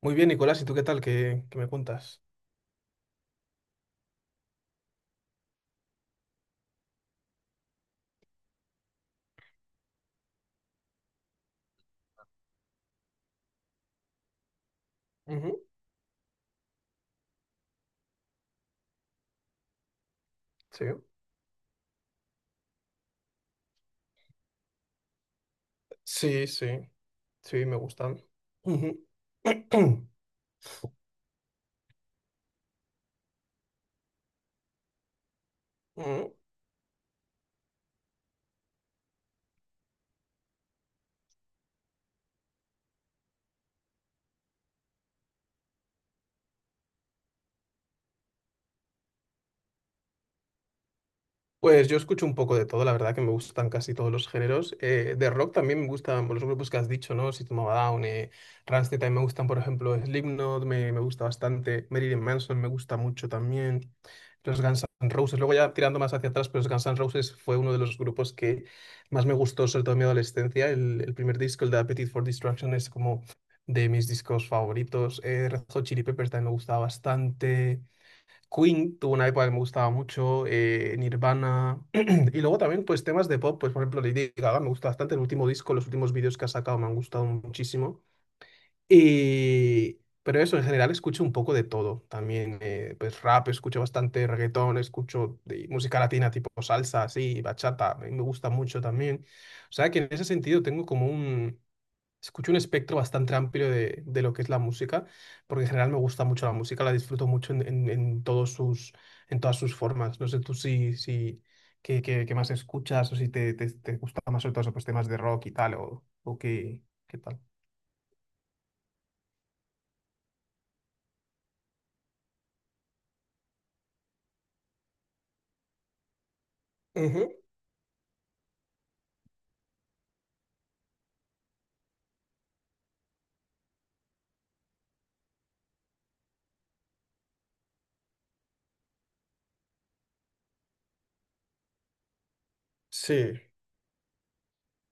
Muy bien, Nicolás, ¿y tú qué tal? ¿Qué me cuentas? Ujú, sí. Sí, sí, sí, me gustan. Ujú. Ujú. Pues yo escucho un poco de todo, la verdad que me gustan casi todos los géneros. De rock también me gustan los grupos que has dicho, ¿no? System of a Down, Rammstein también me gustan, por ejemplo, Slipknot me gusta bastante, Marilyn Manson me gusta mucho también, los Guns N' Roses. Luego ya tirando más hacia atrás, pero los Guns N' Roses fue uno de los grupos que más me gustó, sobre todo en mi adolescencia. El primer disco, el de Appetite for Destruction, es como de mis discos favoritos. Red Hot Chili Peppers también me gustaba bastante. Queen tuvo una época que me gustaba mucho, Nirvana, y luego también pues temas de pop, pues por ejemplo Lady Gaga me gusta bastante, el último disco, los últimos vídeos que ha sacado me han gustado muchísimo, y, pero eso, en general escucho un poco de todo, también pues rap, escucho bastante reggaetón, escucho de música latina tipo salsa, así, bachata, me gusta mucho también, o sea que en ese sentido tengo como un. Escucho un espectro bastante amplio de lo que es la música, porque en general me gusta mucho la música, la disfruto mucho en todos en todas sus formas. No sé tú si, si qué más escuchas o si te gusta más sobre todo esos pues, temas de rock y tal, o qué tal. Ujú. Sí,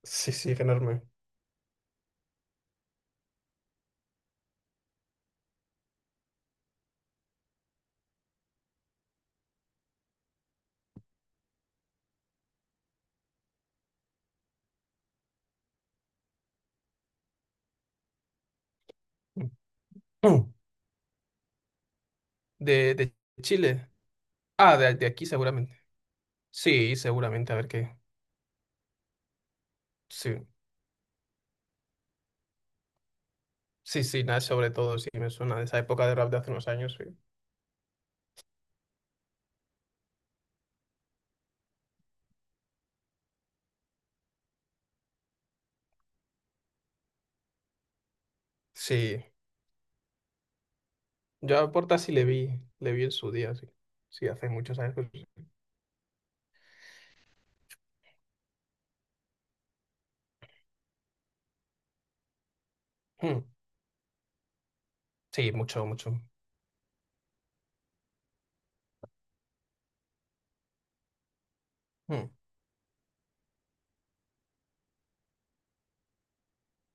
sí, sí, enorme. Mm. De Chile. Ah, de aquí seguramente. Sí, seguramente, a ver qué. Sí, sí, sí, nada, sobre todo, sí, me suena de esa época de rap de hace unos años, sí. Sí. Yo a Porta sí le vi en su día, sí. Sí, hace muchos años. Hmm, sí, mucho, mucho. Hmm.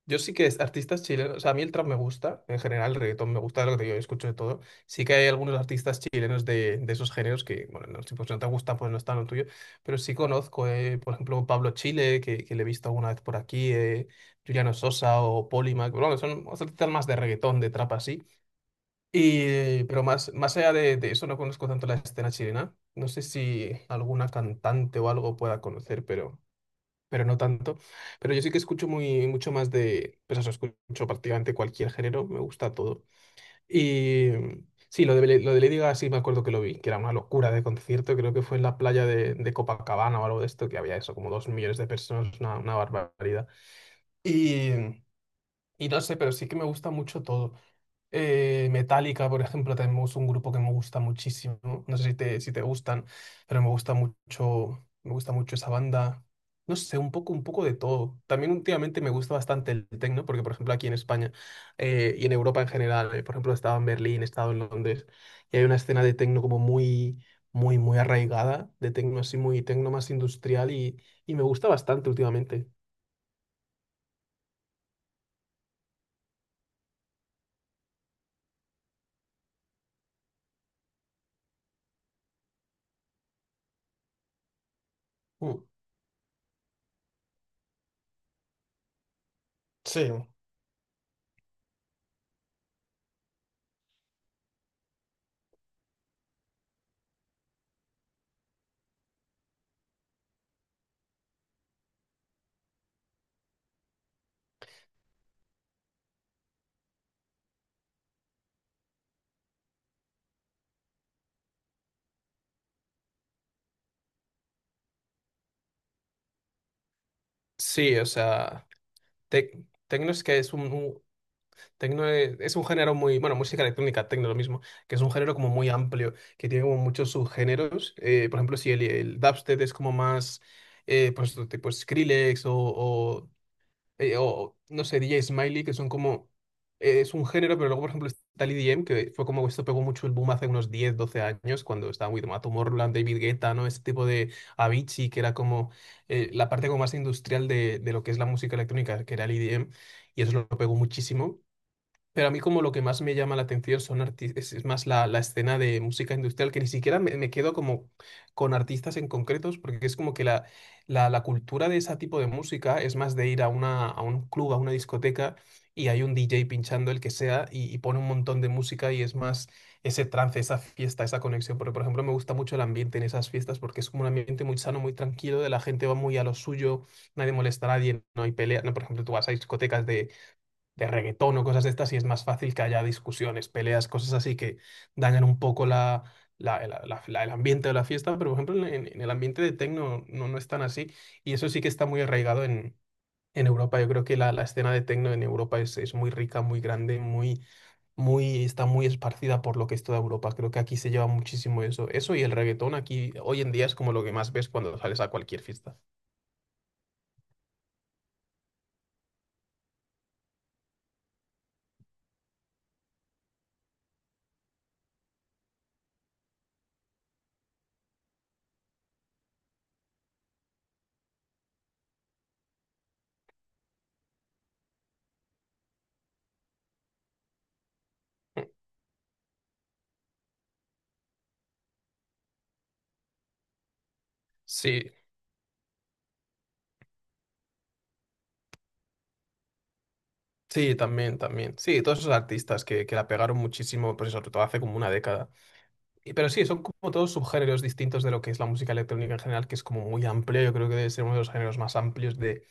Yo sí que es artistas chilenos, o sea, a mí el trap me gusta, en general el reggaetón me gusta, lo que yo escucho de todo. Sí que hay algunos artistas chilenos de esos géneros que, bueno, no, si pues no te gusta, pues no está en lo tuyo, pero sí conozco, por ejemplo, Pablo Chile, que le he visto alguna vez por aquí, Juliano Sosa o Polymac, bueno, son artistas más de reggaetón, de trap así. Pero más, más allá de eso, no conozco tanto la escena chilena. No sé si alguna cantante o algo pueda conocer, pero no tanto. Pero yo sí que escucho mucho más de, pues eso, escucho prácticamente cualquier género, me gusta todo. Y sí, lo de Lady Gaga sí me acuerdo que lo vi, que era una locura de concierto, creo que fue en la playa de Copacabana o algo de esto, que había eso, como 2 millones de personas, una barbaridad. Y, y no sé, pero sí que me gusta mucho todo. Metallica, por ejemplo, también es un grupo que me gusta muchísimo. No sé si te gustan, pero me gusta mucho esa banda. No sé, un poco de todo. También últimamente me gusta bastante el techno, porque por ejemplo aquí en España y en Europa en general, por ejemplo, he estado en Berlín, he estado en Londres, y hay una escena de techno como muy, muy, muy arraigada, de techno así muy techno más industrial y me gusta bastante últimamente. Mm. Sí, sí, o sea, techno es que es un. Tecno es un género bueno, música electrónica, tecno lo mismo, que es un género como muy amplio, que tiene como muchos subgéneros. Por ejemplo, si el dubstep es como más, pues otro tipo Skrillex o, no sé, DJ Smiley, que son como, es un género, pero luego, por ejemplo, está el EDM, que fue como esto pegó mucho el boom hace unos 10 12 años, cuando estaba muy de moda Tomorrowland, David Guetta, ¿no? Ese tipo de Avicii, que era como la parte como más industrial de lo que es la música electrónica, que era el EDM, y eso lo pegó muchísimo. Pero a mí como lo que más me llama la atención son es más la escena de música industrial, que ni siquiera me quedo como con artistas en concretos, porque es como que la, la cultura de ese tipo de música es más de ir a un club, a una discoteca, y hay un DJ pinchando el que sea, y pone un montón de música y es más ese trance, esa fiesta, esa conexión. Porque, por ejemplo, me gusta mucho el ambiente en esas fiestas, porque es como un ambiente muy sano, muy tranquilo, de la gente va muy a lo suyo, nadie molesta a nadie, no hay pelea. No, por ejemplo, tú vas a discotecas de reggaetón o cosas de estas y es más fácil que haya discusiones, peleas, cosas así que dañan un poco la, el ambiente de la fiesta, pero por ejemplo en el ambiente de techno no es tan así y eso sí que está muy arraigado en Europa. Yo creo que la escena de techno en Europa es muy rica, muy grande, está muy esparcida por lo que es toda Europa. Creo que aquí se lleva muchísimo eso. Eso y el reggaetón aquí hoy en día es como lo que más ves cuando sales a cualquier fiesta. Sí, sí, también, también. Sí, todos esos artistas que la pegaron muchísimo, pues eso, sobre todo hace como una década. Pero sí, son como todos subgéneros distintos de lo que es la música electrónica en general, que es como muy amplio. Yo creo que debe ser uno de los géneros más amplios de,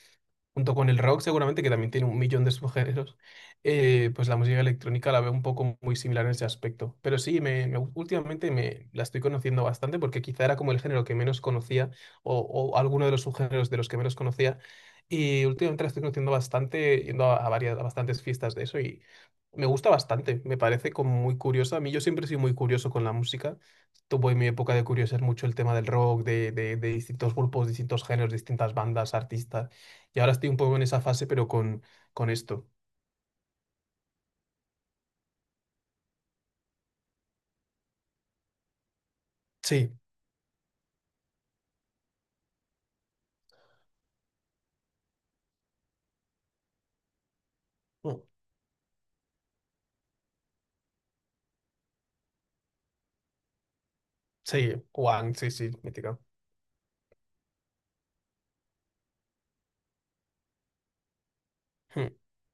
junto con el rock seguramente, que también tiene un millón de subgéneros, pues la música electrónica la veo un poco muy similar en ese aspecto. Pero sí, últimamente me la estoy conociendo bastante porque quizá era como el género que menos conocía o alguno de los subgéneros de los que menos conocía. Y últimamente la estoy conociendo bastante, yendo a bastantes fiestas de eso y me gusta bastante, me parece como muy curiosa. A mí yo siempre he sido muy curioso con la música. Tuve en mi época de curiosidad mucho el tema del rock, de distintos grupos, distintos géneros, distintas bandas, artistas. Y ahora estoy un poco en esa fase, pero con esto. Sí, mm, sí, Wang, sí, sí, mítica.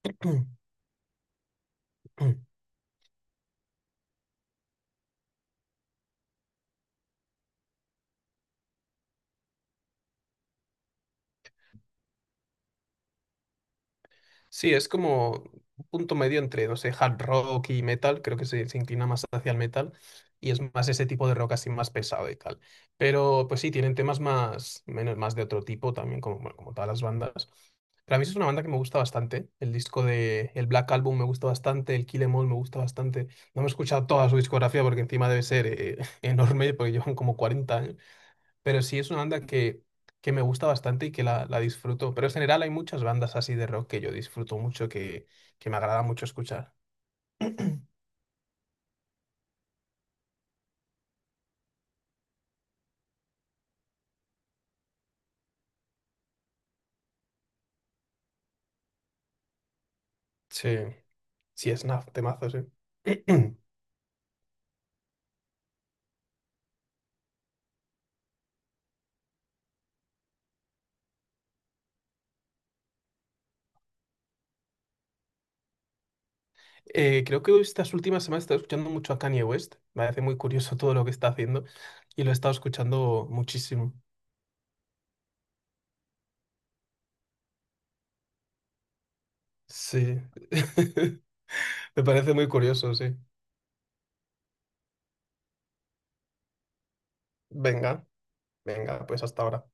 Sí, es como un punto medio entre, no sé, hard rock y metal, creo que se inclina más hacia el metal y es más ese tipo de rock así más pesado y tal. Pero pues sí, tienen temas más, menos, más de otro tipo también, como, bueno, como todas las bandas. Pero a mí es una banda que me gusta bastante. El disco de el Black Album me gusta bastante, el Kill Em All me gusta bastante. No me he escuchado toda su discografía porque encima debe ser enorme porque llevan como 40 años, pero sí es una banda que me gusta bastante y que la disfruto. Pero en general hay muchas bandas así de rock que yo disfruto mucho, que me agrada mucho escuchar. Sí, sí, es una temazo, sí. Creo que estas últimas semanas he estado escuchando mucho a Kanye West. Me parece muy curioso todo lo que está haciendo y lo he estado escuchando muchísimo. Sí, me parece muy curioso, sí. Venga, venga, pues hasta ahora.